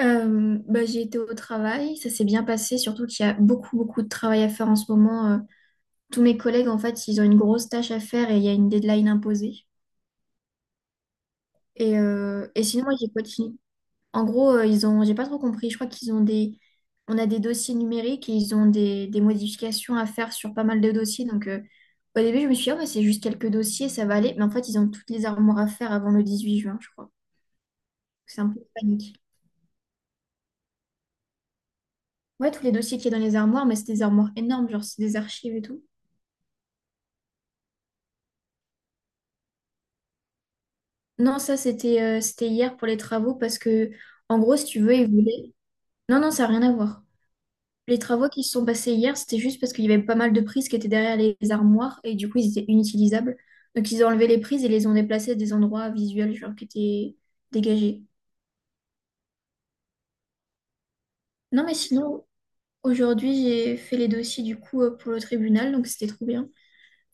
Bah, j'ai été au travail, ça s'est bien passé, surtout qu'il y a beaucoup, beaucoup de travail à faire en ce moment. Tous mes collègues, en fait, ils ont une grosse tâche à faire et il y a une deadline imposée. Et sinon, moi, j'ai continué. En gros, ils ont, j'ai pas trop compris, je crois qu'ils ont des, on a des dossiers numériques et ils ont des modifications à faire sur pas mal de dossiers. Donc, au début, je me suis dit, oh, bah, c'est juste quelques dossiers, ça va aller. Mais en fait, ils ont toutes les armoires à faire avant le 18 juin, je crois. C'est un peu panique. Ouais, tous les dossiers qu'il y a dans les armoires, mais c'est des armoires énormes, genre c'est des archives et tout. Non, ça c'était c'était hier pour les travaux parce que en gros, si tu veux, ils voulaient. Non, non, ça n'a rien à voir. Les travaux qui se sont passés hier, c'était juste parce qu'il y avait pas mal de prises qui étaient derrière les armoires et du coup, ils étaient inutilisables. Donc ils ont enlevé les prises et les ont déplacées à des endroits visuels genre qui étaient dégagés. Non, mais sinon, aujourd'hui, j'ai fait les dossiers du coup pour le tribunal, donc c'était trop bien.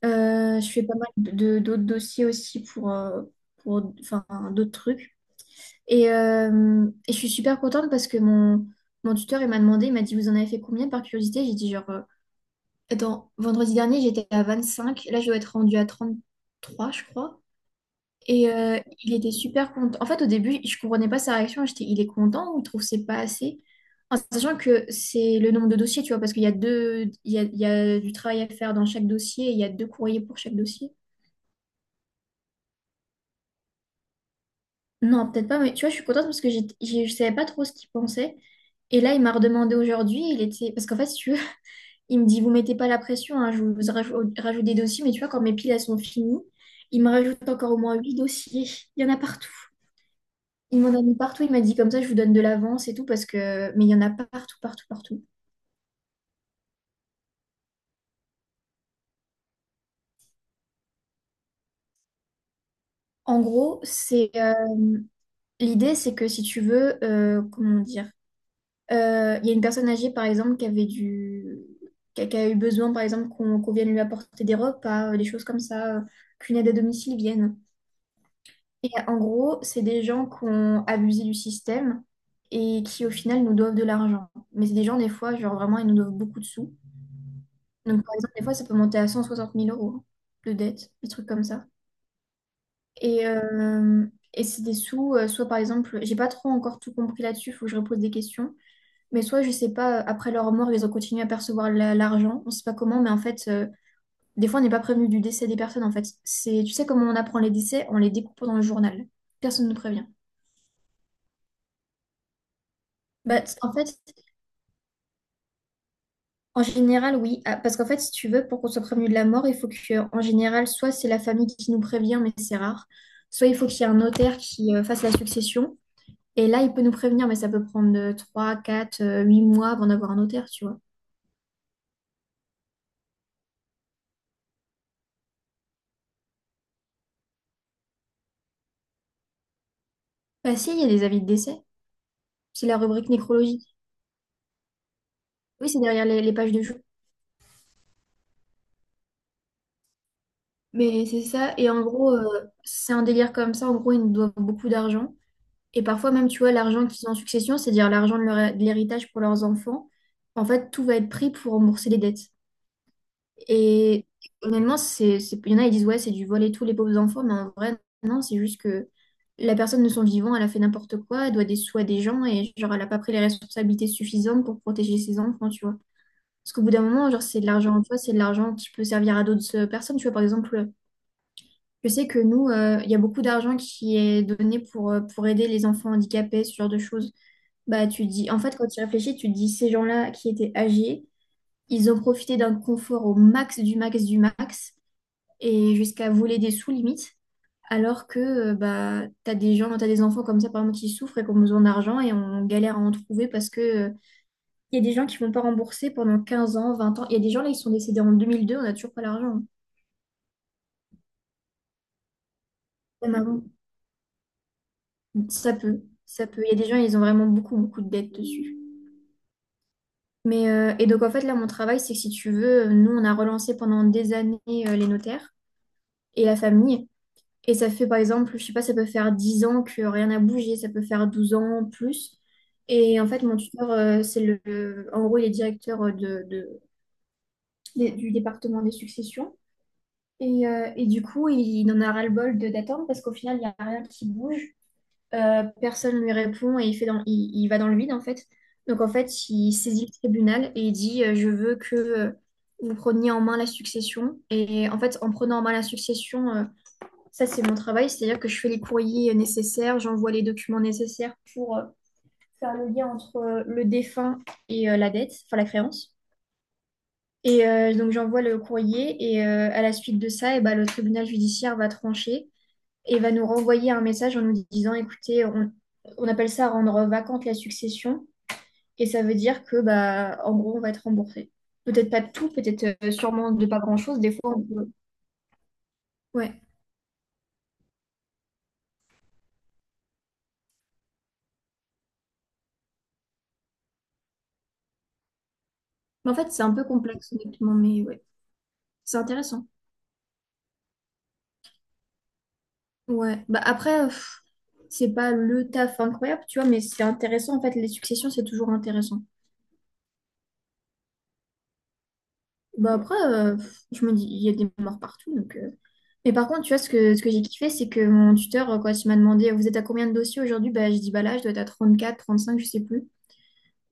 Je fais pas mal de d'autres dossiers aussi pour enfin d'autres trucs. Et je suis super contente parce que mon tuteur, il m'a demandé, il m'a dit, vous en avez fait combien par curiosité? J'ai dit, genre, attends, vendredi dernier, j'étais à 25 là, je dois être rendue à 33 je crois. Et il était super content. En fait, au début, je comprenais pas sa réaction. J'étais, il est content ou il trouve que c'est pas assez? En sachant que c'est le nombre de dossiers, tu vois, parce qu'il y a deux, il y a du travail à faire dans chaque dossier, et il y a deux courriers pour chaque dossier. Non, peut-être pas, mais tu vois, je suis contente parce que je savais pas trop ce qu'il pensait. Et là, il m'a redemandé aujourd'hui, il était... Parce qu'en fait, si tu veux, il me dit, vous mettez pas la pression, hein, je vous rajoute des dossiers, mais tu vois, quand mes piles, elles sont finies, il me rajoute encore au moins huit dossiers. Il y en a partout. Il m'en a mis partout, il m'a dit, comme ça, je vous donne de l'avance et tout, parce que... Mais il y en a partout, partout, partout. En gros, l'idée, c'est que si tu veux, comment dire... il y a une personne âgée, par exemple, qui avait du... qui a eu besoin, par exemple, qu'on vienne lui apporter des repas, des choses comme ça, qu'une aide à domicile vienne. Et en gros, c'est des gens qui ont abusé du système et qui, au final, nous doivent de l'argent. Mais c'est des gens, des fois, genre vraiment, ils nous doivent beaucoup de sous. Donc, par exemple, des fois, ça peut monter à 160 000 euros de dette, des trucs comme ça. Et, euh, et c'est des sous, soit par exemple, j'ai pas trop encore tout compris là-dessus, il faut que je repose des questions. Mais soit, je sais pas, après leur mort, ils ont continué à percevoir l'argent. On sait pas comment, mais en fait, des fois, on n'est pas prévenu du décès des personnes, en fait. C'est, tu sais comment on apprend les décès? En les découpant dans le journal. Personne ne prévient. Bah, en fait, en général, oui. Ah, parce qu'en fait, si tu veux, pour qu'on soit prévenu de la mort, il faut que, en général, soit c'est la famille qui nous prévient, mais c'est rare. Soit il faut qu'il y ait un notaire qui fasse la succession. Et là, il peut nous prévenir, mais ça peut prendre 3 4 8 mois avant d'avoir un notaire, tu vois. Bah si, il y a des avis de décès. C'est la rubrique nécrologie. Oui, c'est derrière les pages de jeu. Mais c'est ça. Et en gros, c'est un délire comme ça. En gros, ils nous doivent beaucoup d'argent. Et parfois, même, tu vois, l'argent qu'ils ont en succession, c'est-à-dire l'argent de de l'héritage pour leurs enfants, en fait, tout va être pris pour rembourser les dettes. Et honnêtement, il y en a, ils disent, ouais, c'est du vol et tout, les pauvres enfants. Mais en vrai, non, c'est juste que la personne de son vivant, elle a fait n'importe quoi, elle doit des sous à des gens et, genre, elle n'a pas pris les responsabilités suffisantes pour protéger ses enfants, tu vois. Parce qu'au bout d'un moment, genre, c'est de l'argent, tu vois, c'est de l'argent qui peut servir à d'autres personnes. Tu vois, par exemple, je sais que nous, il y a beaucoup d'argent qui est donné pour aider les enfants handicapés, ce genre de choses. Bah, tu dis, en fait, quand tu réfléchis, tu te dis, ces gens-là qui étaient âgés, ils ont profité d'un confort au max du max du max et jusqu'à voler des sous limites. Alors que bah, tu as des gens, tu des enfants comme ça, par exemple, qui souffrent et qui ont besoin d'argent et on galère à en trouver parce que il y a des gens qui ne vont pas rembourser pendant 15 ans, 20 ans. Il y a des gens là, ils sont décédés en 2002, on n'a toujours pas l'argent. Même avant. Ça peut, ça peut. Il y a des gens, ils ont vraiment beaucoup, beaucoup de dettes dessus. Mais, et donc, en fait, là, mon travail, c'est que si tu veux, nous, on a relancé pendant des années les notaires et la famille. Et ça fait, par exemple, je sais pas, ça peut faire 10 ans que rien n'a bougé, ça peut faire 12 ans, plus. Et en fait, mon tuteur, c'est en gros, il est directeur du département des successions. Et du coup, il en a ras-le-bol d'attendre parce qu'au final, il n'y a rien qui bouge. Personne lui répond et il fait dans, il va dans le vide en fait. Donc en fait, il saisit le tribunal et il dit je veux que vous preniez en main la succession. Et en fait, en prenant en main la succession, ça c'est mon travail, c'est-à-dire que je fais les courriers nécessaires, j'envoie les documents nécessaires pour faire le lien entre le défunt et la dette, enfin la créance. Et donc j'envoie le courrier et à la suite de ça, et ben, le tribunal judiciaire va trancher et va nous renvoyer un message en nous disant, écoutez, on appelle ça rendre vacante la succession, et ça veut dire que, bah, en gros, on va être remboursé. Peut-être pas de tout, peut-être sûrement de pas grand-chose, des fois, on peut- Ouais. Mais en fait, c'est un peu complexe, honnêtement, mais ouais, c'est intéressant. Ouais. Bah, après, pff, c'est pas le taf incroyable, tu vois, mais c'est intéressant, en fait, les successions, c'est toujours intéressant. Bah, après, pff, je me dis, il y a des morts partout, donc... mais par contre, tu vois, ce que j'ai kiffé, c'est que mon tuteur, quand il m'a demandé, vous êtes à combien de dossiers aujourd'hui? Bah, je dis, bah là, je dois être à 34 35 je sais plus.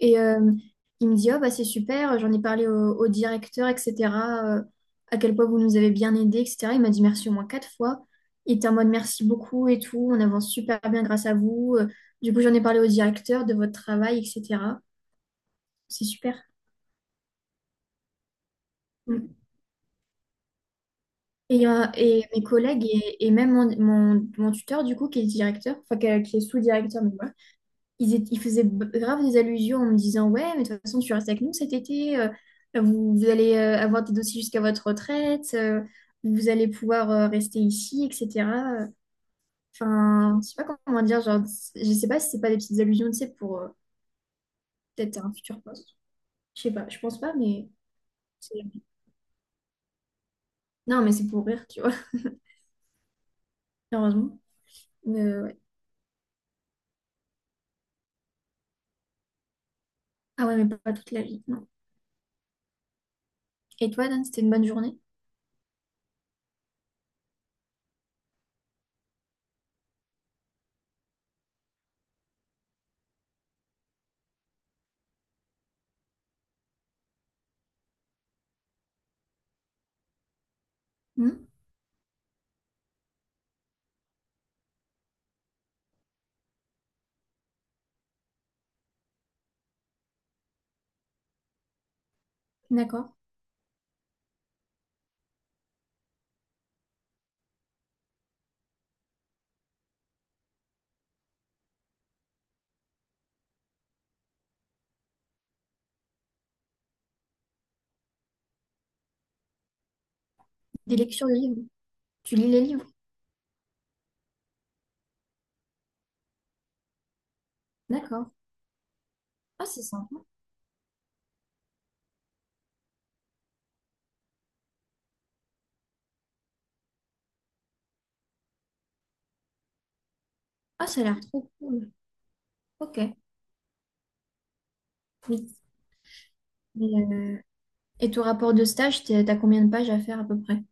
Et il me dit, oh, bah c'est super, j'en ai parlé au directeur, etc. euh, à quel point vous nous avez bien aidés, etc. Il m'a dit merci au moins quatre fois. Il était en mode merci beaucoup et tout, on avance super bien grâce à vous. Du coup, j'en ai parlé au directeur de votre travail, etc. C'est super. Mm. Et mes collègues et même mon tuteur, du coup, qui est directeur, enfin, qui est sous-directeur, mais voilà, ils faisaient grave des allusions en me disant, ouais, mais de toute façon, tu restes avec nous cet été, vous allez avoir des dossiers jusqu'à votre retraite, vous allez pouvoir rester ici, etc. Enfin, je sais pas comment dire, genre, je sais pas si c'est pas des petites allusions, tu sais, pour peut-être un futur poste. Je sais pas, je pense pas, mais c'est- non, mais c'est pour rire, tu vois, heureusement. Mais, ouais. Ah ouais, mais pas toute la vie, non. Et toi, Dan, c'était une bonne journée? Hmm. D'accord. Des lectures de livres. Tu lis les livres? D'accord. Ah, c'est sympa. Ah, ça a l'air trop cool. Ok. Oui. Et, euh, et ton rapport de stage, t'as combien de pages à faire à peu près?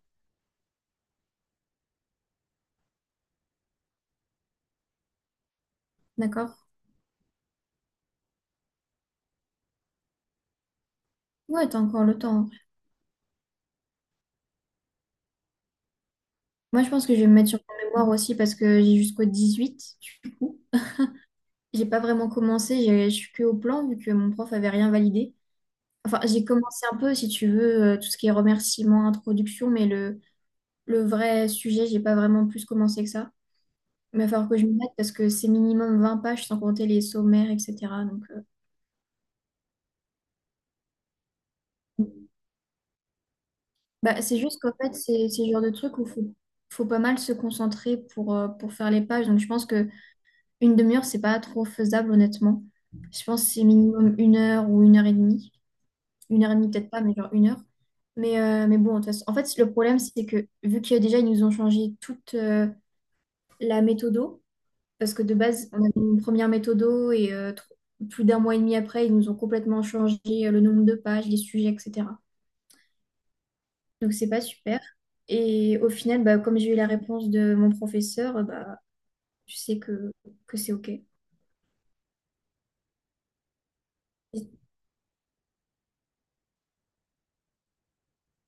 D'accord? Ouais, t'as encore le temps. Moi, je pense que je vais me mettre sur mon mémoire aussi parce que j'ai jusqu'au 18 du coup. J'ai pas vraiment commencé, je suis que au plan vu que mon prof avait rien validé. Enfin, j'ai commencé un peu, si tu veux, tout ce qui est remerciements, introduction, mais le vrai sujet, j'ai pas vraiment plus commencé que ça. Il va falloir que je me mette parce que c'est minimum 20 pages sans compter les sommaires, etc. Donc, bah, c'est juste qu'en fait, c'est le genre de truc où il faut, faut pas mal se concentrer pour faire les pages. Donc, je pense que une demi-heure, c'est pas trop faisable, honnêtement. Je pense que c'est minimum une heure ou une heure et demie. Une heure et demie, peut-être pas, mais genre une heure. Mais bon, de toute façon- en fait, le problème, c'est que vu qu'il y a déjà, ils nous ont changé toute la méthodo, parce que de base, on avait une première méthodo et plus d'un mois et demi après, ils nous ont complètement changé le nombre de pages, les sujets, etc. Donc c'est pas super. Et au final, bah, comme j'ai eu la réponse de mon professeur, bah, je sais que c'est OK.